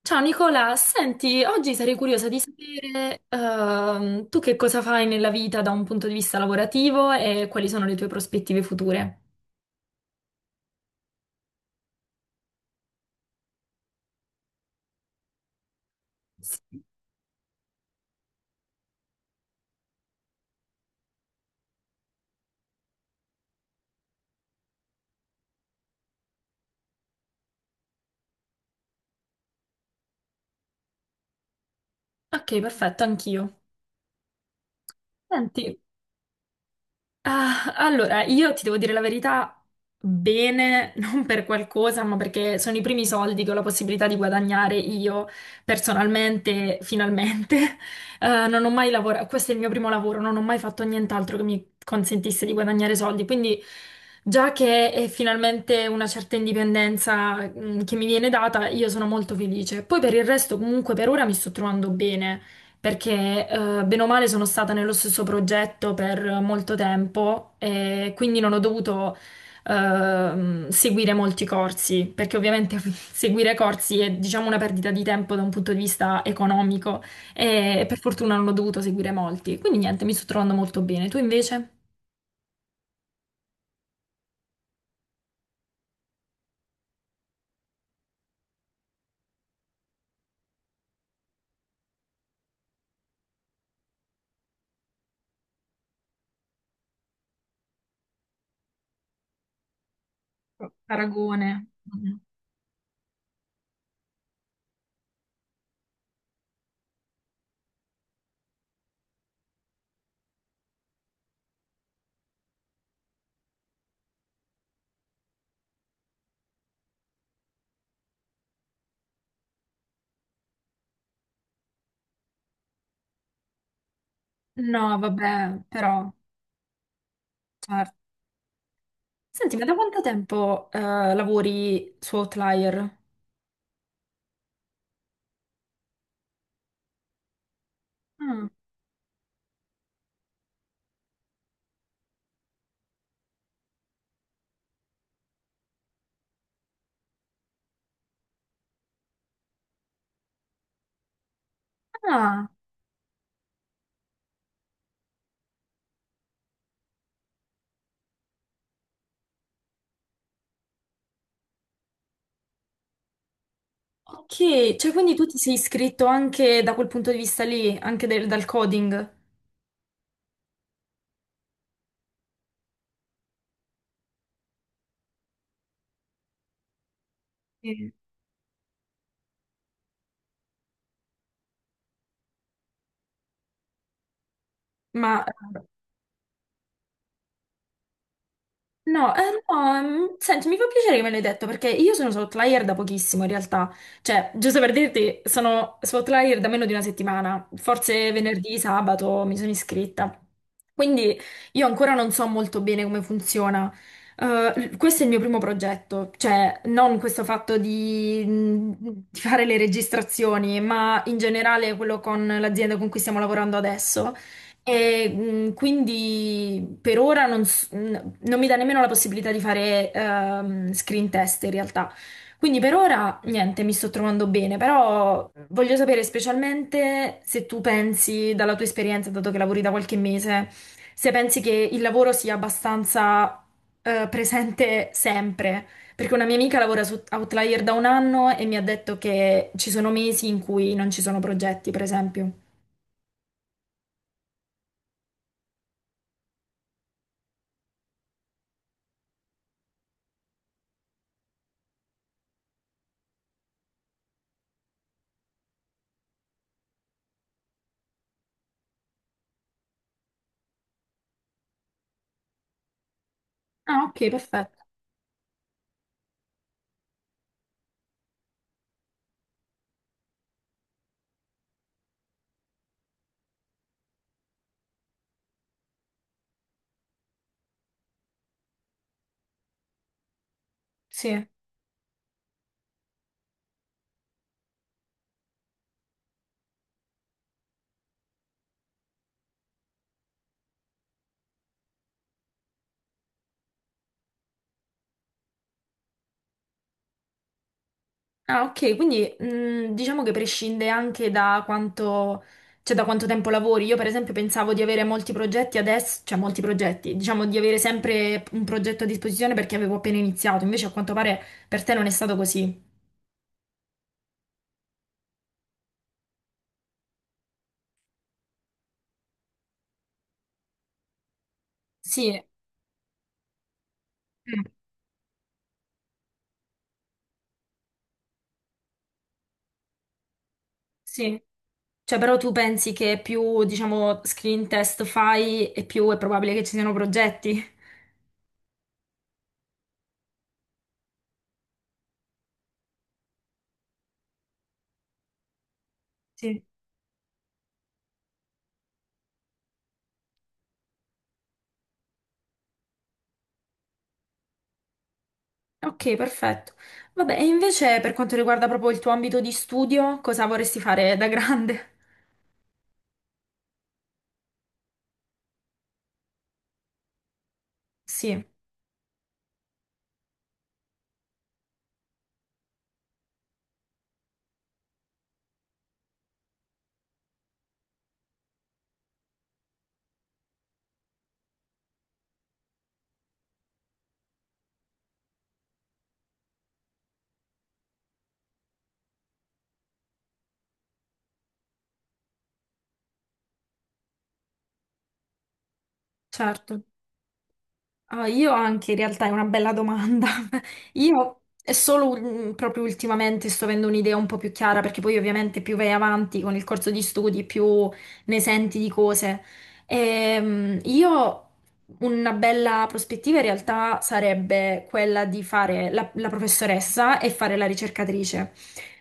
Ciao Nicola, senti, oggi sarei curiosa di sapere tu che cosa fai nella vita da un punto di vista lavorativo e quali sono le tue prospettive future. Ok, perfetto, anch'io. Senti, ah, allora, io ti devo dire la verità, bene, non per qualcosa, ma perché sono i primi soldi che ho la possibilità di guadagnare io personalmente, finalmente. Non ho mai lavorato, questo è il mio primo lavoro, non ho mai fatto nient'altro che mi consentisse di guadagnare soldi, quindi già che è finalmente una certa indipendenza, che mi viene data, io sono molto felice. Poi per il resto, comunque, per ora mi sto trovando bene perché bene o male sono stata nello stesso progetto per molto tempo e quindi non ho dovuto seguire molti corsi, perché ovviamente seguire corsi è diciamo una perdita di tempo da un punto di vista economico e per fortuna non ho dovuto seguire molti. Quindi niente, mi sto trovando molto bene. Tu invece? Paragone. Mm. No, vabbè, però certo. Senti, ma da quanto tempo lavori su Outlier? Mm. Ah. Ok, cioè quindi tu ti sei iscritto anche da quel punto di vista lì, anche dal coding. Sì. Ma no, no, senti, mi fa piacere che me l'hai detto perché io sono su Outlier da pochissimo in realtà, cioè, giusto per dirti, sono su Outlier da meno di una settimana, forse venerdì, sabato mi sono iscritta, quindi io ancora non so molto bene come funziona. Questo è il mio primo progetto, cioè non questo fatto di, di fare le registrazioni, ma in generale quello con l'azienda con cui stiamo lavorando adesso. E, quindi per ora non so, non mi dà nemmeno la possibilità di fare screen test in realtà. Quindi per ora niente, mi sto trovando bene, però voglio sapere specialmente se tu pensi, dalla tua esperienza, dato che lavori da qualche mese, se pensi che il lavoro sia abbastanza presente sempre. Perché una mia amica lavora su Outlier da un anno e mi ha detto che ci sono mesi in cui non ci sono progetti, per esempio. Ah, ok, perfetto. Sì. Ah, ok, quindi diciamo che prescinde anche da quanto, cioè da quanto tempo lavori. Io, per esempio, pensavo di avere molti progetti adesso, cioè molti progetti, diciamo di avere sempre un progetto a disposizione perché avevo appena iniziato, invece a quanto pare per te non è stato così. Sì. Mm. Sì, cioè però tu pensi che più, diciamo, screen test fai e più è probabile che ci siano progetti? Sì. Ok, perfetto. Vabbè, e invece per quanto riguarda proprio il tuo ambito di studio, cosa vorresti fare da grande? Sì. Certo. Ah, io anche in realtà è una bella domanda. Io è solo proprio ultimamente sto avendo un'idea un po' più chiara perché poi ovviamente più vai avanti con il corso di studi, più ne senti di cose. Io una bella prospettiva in realtà sarebbe quella di fare la professoressa e fare la ricercatrice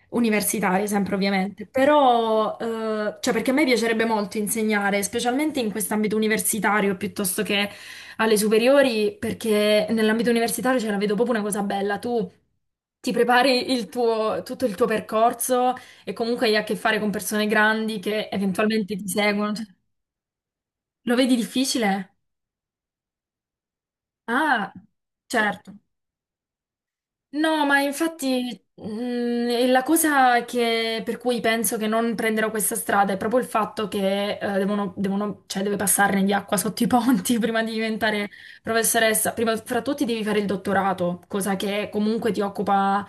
universitaria, sempre ovviamente, però cioè perché a me piacerebbe molto insegnare, specialmente in quest'ambito universitario piuttosto che alle superiori perché nell'ambito universitario ce la vedo proprio una cosa bella. Tu ti prepari il tuo, tutto il tuo percorso e comunque hai a che fare con persone grandi che eventualmente ti seguono. Cioè, lo vedi difficile? Ah, certo. No, ma infatti e la cosa per cui penso che non prenderò questa strada è proprio il fatto che cioè, deve passarne di acqua sotto i ponti prima di diventare professoressa. Prima fra tutti devi fare il dottorato, cosa che comunque ti occupa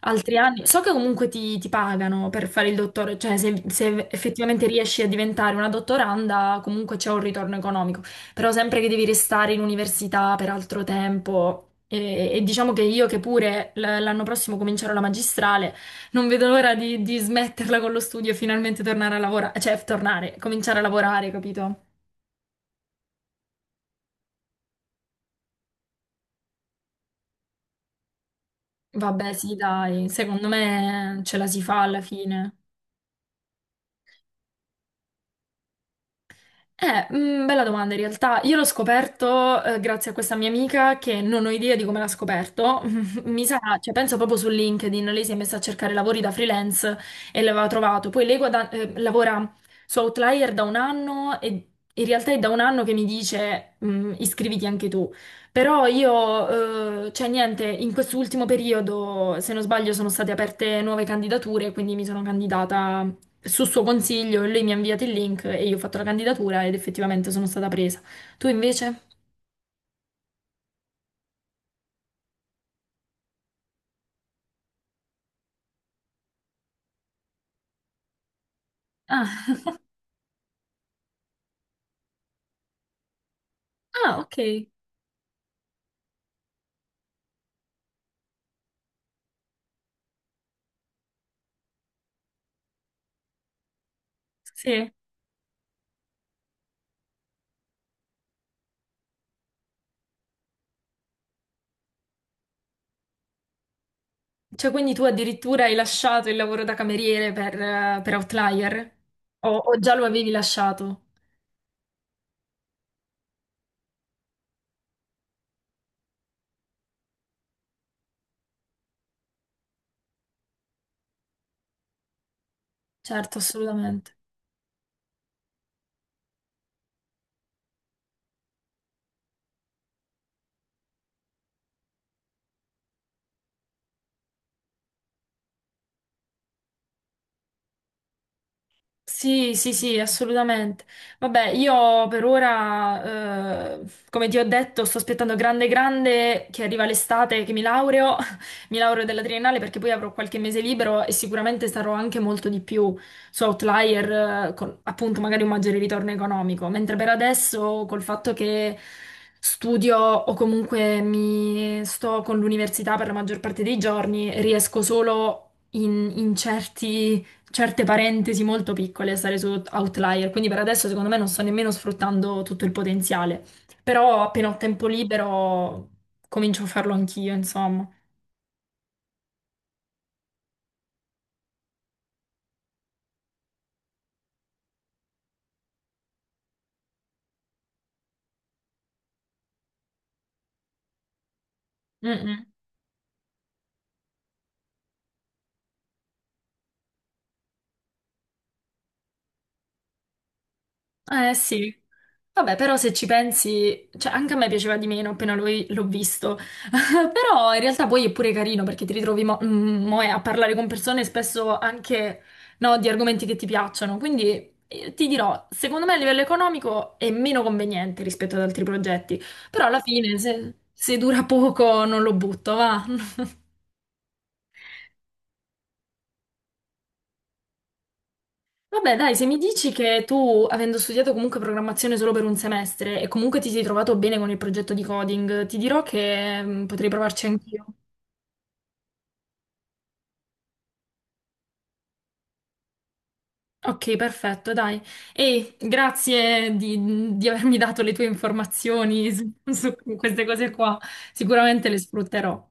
altri anni. So che comunque ti, ti pagano per fare il dottore, cioè se effettivamente riesci a diventare una dottoranda comunque c'è un ritorno economico. Però sempre che devi restare in università per altro tempo e diciamo che io che pure l'anno prossimo comincerò la magistrale, non vedo l'ora di smetterla con lo studio e finalmente tornare a lavorare, cioè tornare, cominciare a lavorare, capito? Vabbè, sì, dai, secondo me ce la si fa alla fine. Bella domanda in realtà. Io l'ho scoperto grazie a questa mia amica che non ho idea di come l'ha scoperto. Mi sa, cioè, penso proprio su LinkedIn, lei si è messa a cercare lavori da freelance e l'aveva trovato. Poi lei lavora su Outlier da un anno e in realtà è da un anno che mi dice iscriviti anche tu. Però io, cioè niente, in quest'ultimo periodo, se non sbaglio, sono state aperte nuove candidature, quindi mi sono candidata su suo consiglio, lei mi ha inviato il link e io ho fatto la candidatura ed effettivamente sono stata presa. Tu invece? Ah, ah, ok. Sì. Cioè, quindi tu addirittura hai lasciato il lavoro da cameriere per Outlier? O già lo avevi lasciato? Certo, assolutamente. Sì, sì, sì, assolutamente. Vabbè, io per ora, come ti ho detto, sto aspettando grande, grande che arriva l'estate, che mi laureo, mi laureo della triennale perché poi avrò qualche mese libero e sicuramente sarò anche molto di più su Outlier, con appunto magari un maggiore ritorno economico. Mentre per adesso, col fatto che studio o comunque mi sto con l'università per la maggior parte dei giorni, riesco solo in certi certe parentesi molto piccole, e stare su Outlier, quindi per adesso secondo me non sto nemmeno sfruttando tutto il potenziale, però appena ho tempo libero comincio a farlo anch'io, insomma. Mm, mm. Eh sì. Vabbè, però se ci pensi, cioè anche a me piaceva di meno appena l'ho visto. Però in realtà poi è pure carino perché ti ritrovi mo è a parlare con persone spesso anche no, di argomenti che ti piacciono. Quindi ti dirò, secondo me a livello economico è meno conveniente rispetto ad altri progetti. Però alla fine, se dura poco, non lo butto, va. Vabbè, dai, se mi dici che tu, avendo studiato comunque programmazione solo per un semestre e comunque ti sei trovato bene con il progetto di coding, ti dirò che potrei provarci anch'io. Ok, perfetto, dai. E grazie di avermi dato le tue informazioni su queste cose qua. Sicuramente le sfrutterò.